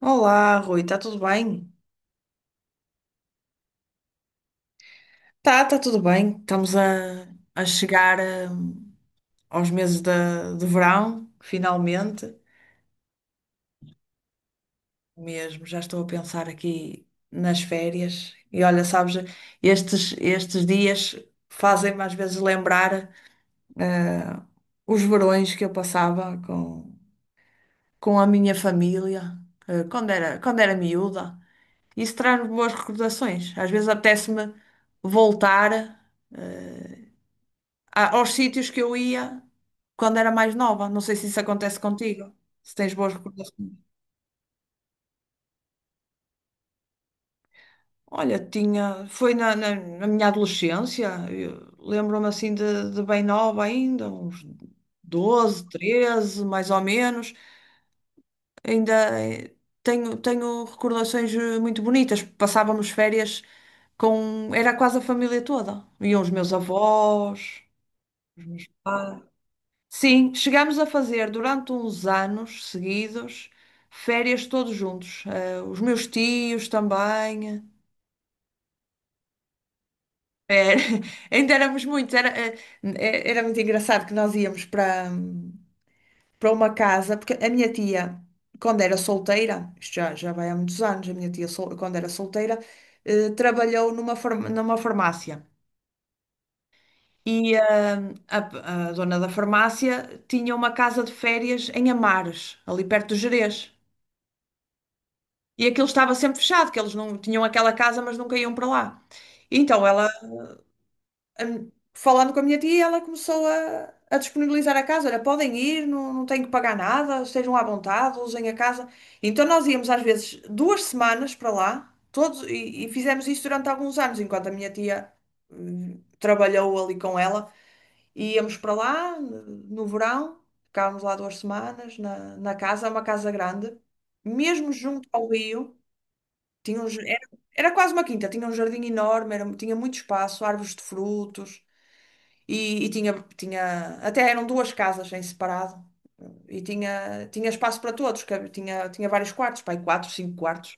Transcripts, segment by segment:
Olá, Rui, está tudo bem? Tá, tá tudo bem. Estamos a chegar aos meses de verão, finalmente. Mesmo, já estou a pensar aqui nas férias. E olha, sabes, estes dias fazem-me às vezes lembrar hum, os verões que eu passava com a minha família, quando era miúda. Isso traz-me boas recordações. Às vezes apetece-me voltar. hum, aos sítios que eu ia quando era mais nova. Não sei se isso acontece contigo, se tens boas recordações. Olha, foi na minha adolescência, eu lembro-me assim de bem nova ainda, uns 12 13 mais ou menos. Ainda eh, tenho recordações muito bonitas. Passávamos férias era quase a família toda. Iam os meus avós, os meus pais. Sim, chegámos a fazer durante uns anos seguidos férias todos juntos. Os meus tios também. Era- Ainda éramos muitos. Era muito engraçado que nós íamos para uma casa, porque a minha tia, quando era solteira, isto já, já vai há muitos anos, a minha tia, quando era solteira, trabalhou numa farmácia. E a, a dona da farmácia tinha uma casa de férias em Amares, ali perto do Gerês. E aquilo estava sempre fechado, que eles não tinham aquela casa, mas nunca iam para lá. Então ela, falando com a minha tia, ela começou a disponibilizar a casa. Olha, podem ir, não, não têm que pagar nada, estejam à vontade, usem a casa. Então nós íamos às vezes 2 semanas para lá, todos, e fizemos isso durante alguns anos, enquanto a minha tia, trabalhou ali com ela. E íamos para lá no verão, ficávamos lá 2 semanas na casa, é uma casa grande, mesmo junto ao rio. Tinha um jar- era, era quase uma quinta, tinha um jardim enorme, tinha muito espaço, árvores de frutos e tinha até eram duas casas em separado e tinha espaço para todos, que tinha vários quartos, pai, quatro, cinco quartos,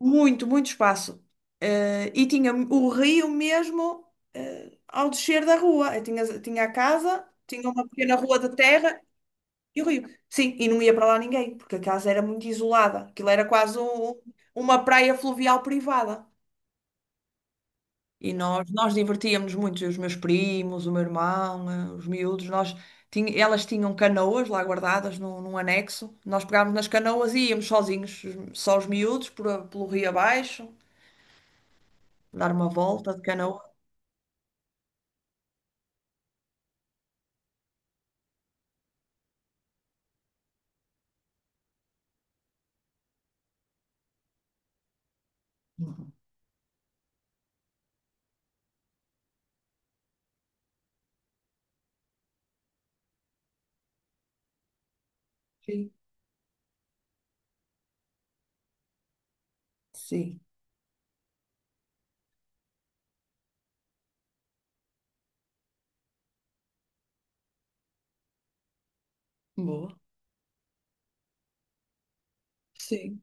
muito, muito espaço. E tinha o rio mesmo, ao descer da rua, eu tinha a casa, tinha uma pequena rua de terra e o rio. Sim, e não ia para lá ninguém, porque a casa era muito isolada, aquilo era quase uma praia fluvial privada. E nós divertíamos-nos muito, eu e os meus primos, o meu irmão, os miúdos, elas tinham canoas lá guardadas num anexo. Nós pegámos nas canoas e íamos sozinhos, só os miúdos, pelo rio abaixo, dar uma volta de canoa. Uhum. Sim, sim, boa. Sim,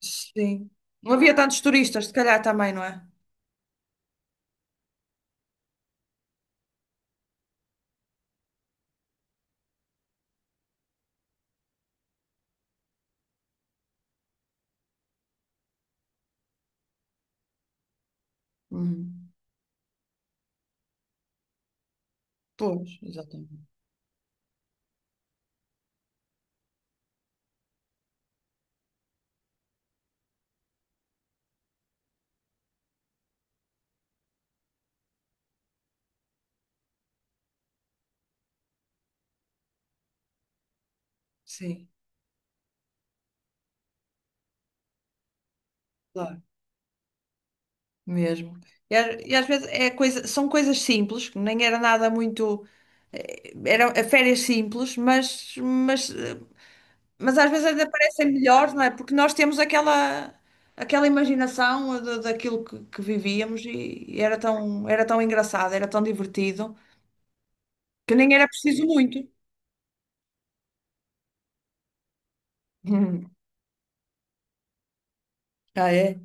sim. Não havia tantos turistas, se calhar também, não é? Uhum. Pois, exatamente. Sim, claro, mesmo. E às vezes são coisas simples, que nem era nada muito. Eram férias simples, mas, mas às vezes ainda parecem melhores, não é? Porque nós temos aquela imaginação daquilo que vivíamos e era tão engraçado, era tão divertido, que nem era preciso muito. Hum. Ah, é?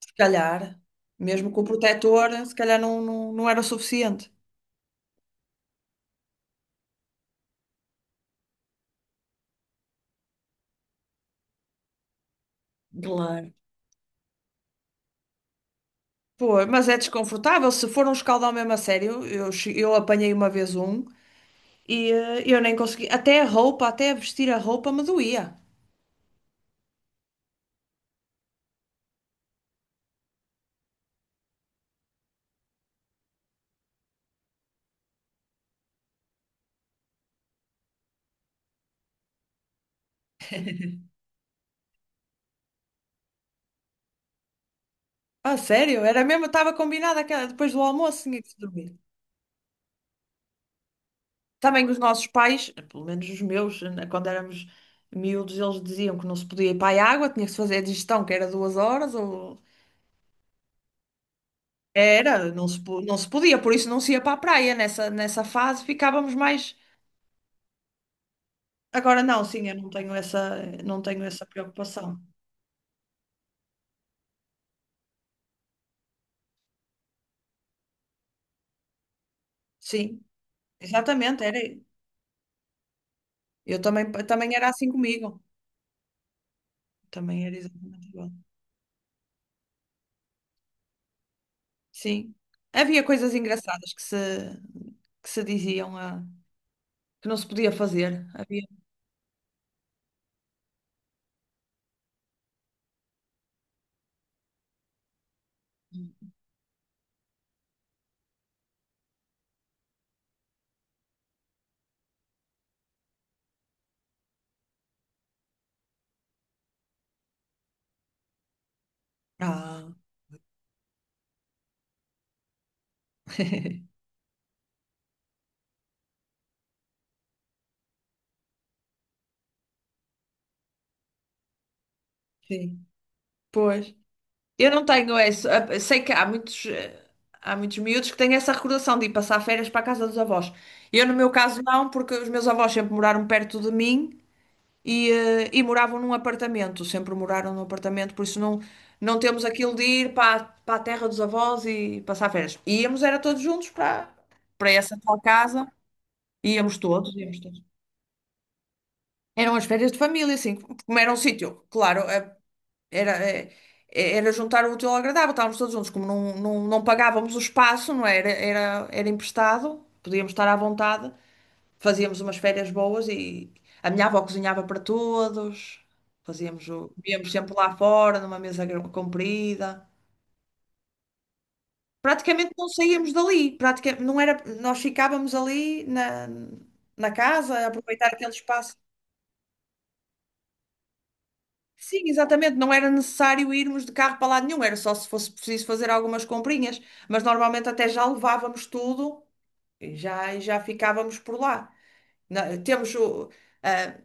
Se calhar, mesmo com o protetor, se calhar não, não, não era o suficiente. Claro. Pô, mas é desconfortável. Se for um escaldão mesmo a sério, eu apanhei uma vez um e eu nem consegui. Até vestir a roupa me doía. Ah, sério? Era mesmo, estava combinado aquela, depois do almoço tinha que se dormir. Também os nossos pais, pelo menos os meus, né, quando éramos miúdos, eles diziam que não se podia ir para a água, tinha que se fazer a digestão, que era 2 horas, ou... Era, não se podia, por isso não se ia para a praia. Nessa fase ficávamos mais... Agora não, sim, eu não tenho essa, não tenho essa preocupação. Sim, exatamente, era... Eu também, também era assim comigo. Também era exatamente igual. Sim. Havia coisas engraçadas que se diziam que não se podia fazer. Havia. Ah, sim. Pois. Eu não tenho essa. Sei que há muitos miúdos que têm essa recordação de ir passar férias para a casa dos avós. Eu, no meu caso, não, porque os meus avós sempre moraram perto de mim. E moravam num apartamento, sempre moraram num apartamento, por isso não, não temos aquilo de ir para a terra dos avós e passar férias. Era todos juntos para essa tal casa, íamos todos, íamos todos. Eram as férias de família, assim, como era um sítio, claro, era, eh, era juntar o útil ao agradável, estávamos todos juntos, como não, não, não pagávamos o espaço, não é? Era emprestado, podíamos estar à vontade. Fazíamos umas férias boas e a minha avó cozinhava para todos. Comíamos sempre lá fora, numa mesa comprida. Praticamente não saíamos dali. Praticamente, não era... Nós ficávamos ali na casa, a aproveitar aquele espaço. Sim, exatamente. Não era necessário irmos de carro para lado nenhum. Era só se fosse preciso fazer algumas comprinhas. Mas normalmente até já levávamos tudo e já ficávamos por lá. Na- temos o-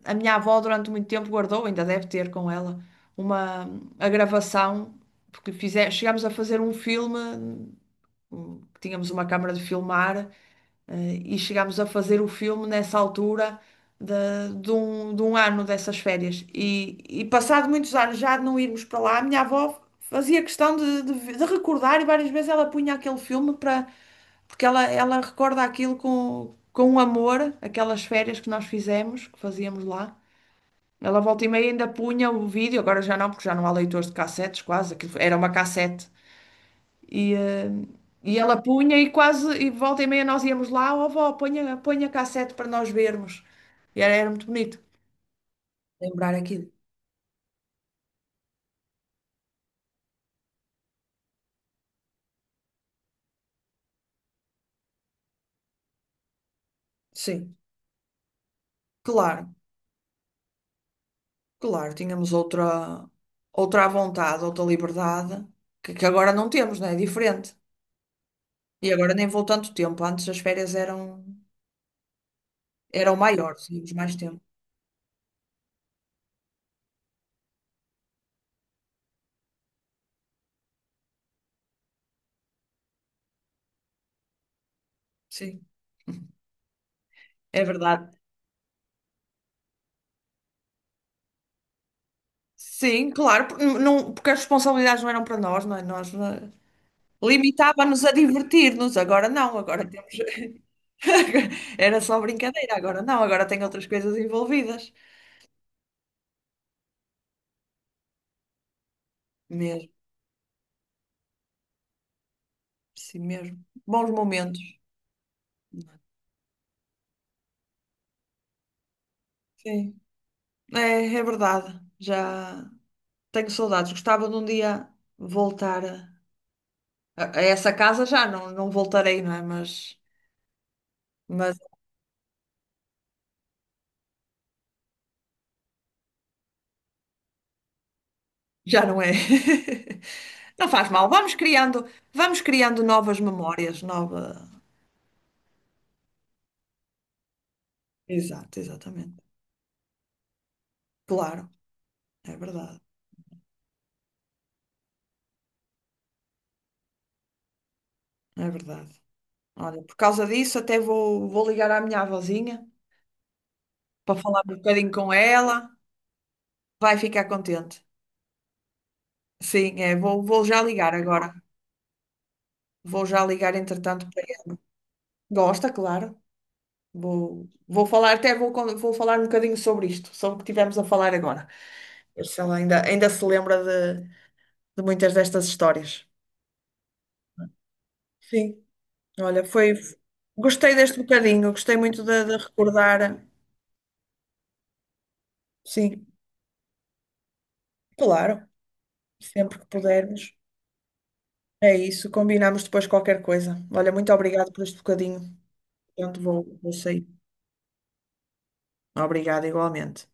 a minha avó durante muito tempo guardou, ainda deve ter com ela, uma a gravação, porque chegámos a fazer um filme, tínhamos uma câmara de filmar, e chegámos a fazer o filme nessa altura de, de um ano dessas férias. E passado muitos anos já de não irmos para lá, a minha avó fazia questão de recordar e várias vezes ela punha aquele filme para porque ela recorda aquilo com um amor, aquelas férias que nós fizemos, que fazíamos lá. Ela volta e meia ainda punha o vídeo, agora já não, porque já não há leitores de cassetes, quase, aquilo era uma cassete. E, eh, e ela punha e volta e meia nós íamos lá, ó avó, ponha, ponha a cassete para nós vermos. E era muito bonito lembrar aquilo. Sim, claro, claro, tínhamos outra à vontade, outra liberdade, que agora não temos, não é? É diferente. E agora nem vou tanto tempo. Antes as férias eram maiores, tínhamos mais tempo. Sim, é verdade. Sim, claro, não, porque as responsabilidades não eram para nós, não é? Nós limitava-nos a divertir-nos. Agora não, agora temos. Era só brincadeira, agora não, agora tem outras coisas envolvidas. Mesmo, sim mesmo. Bons momentos. Sim, é, é verdade. Já tenho saudades. Gostava de um dia voltar a. A essa casa já não, não voltarei, não é? Mas já não é. Não faz mal. Vamos criando novas memórias, nova. Exato, exatamente. Claro, é verdade, é verdade. Olha, por causa disso até vou ligar à minha avózinha para falar um bocadinho com ela. Vai ficar contente. Sim, é, vou já ligar agora. Vou já ligar entretanto para ela. Gosta, claro. Vou falar, vou falar um bocadinho sobre isto, sobre o que tivemos a falar agora. Ver se ela ainda se lembra de, de muitas destas histórias. Sim, olha, foi. Gostei deste bocadinho, gostei muito de recordar. Sim, claro, sempre que pudermos. É isso, combinamos depois qualquer coisa. Olha, muito obrigada por este bocadinho. Portanto, vou sair. Obrigada igualmente.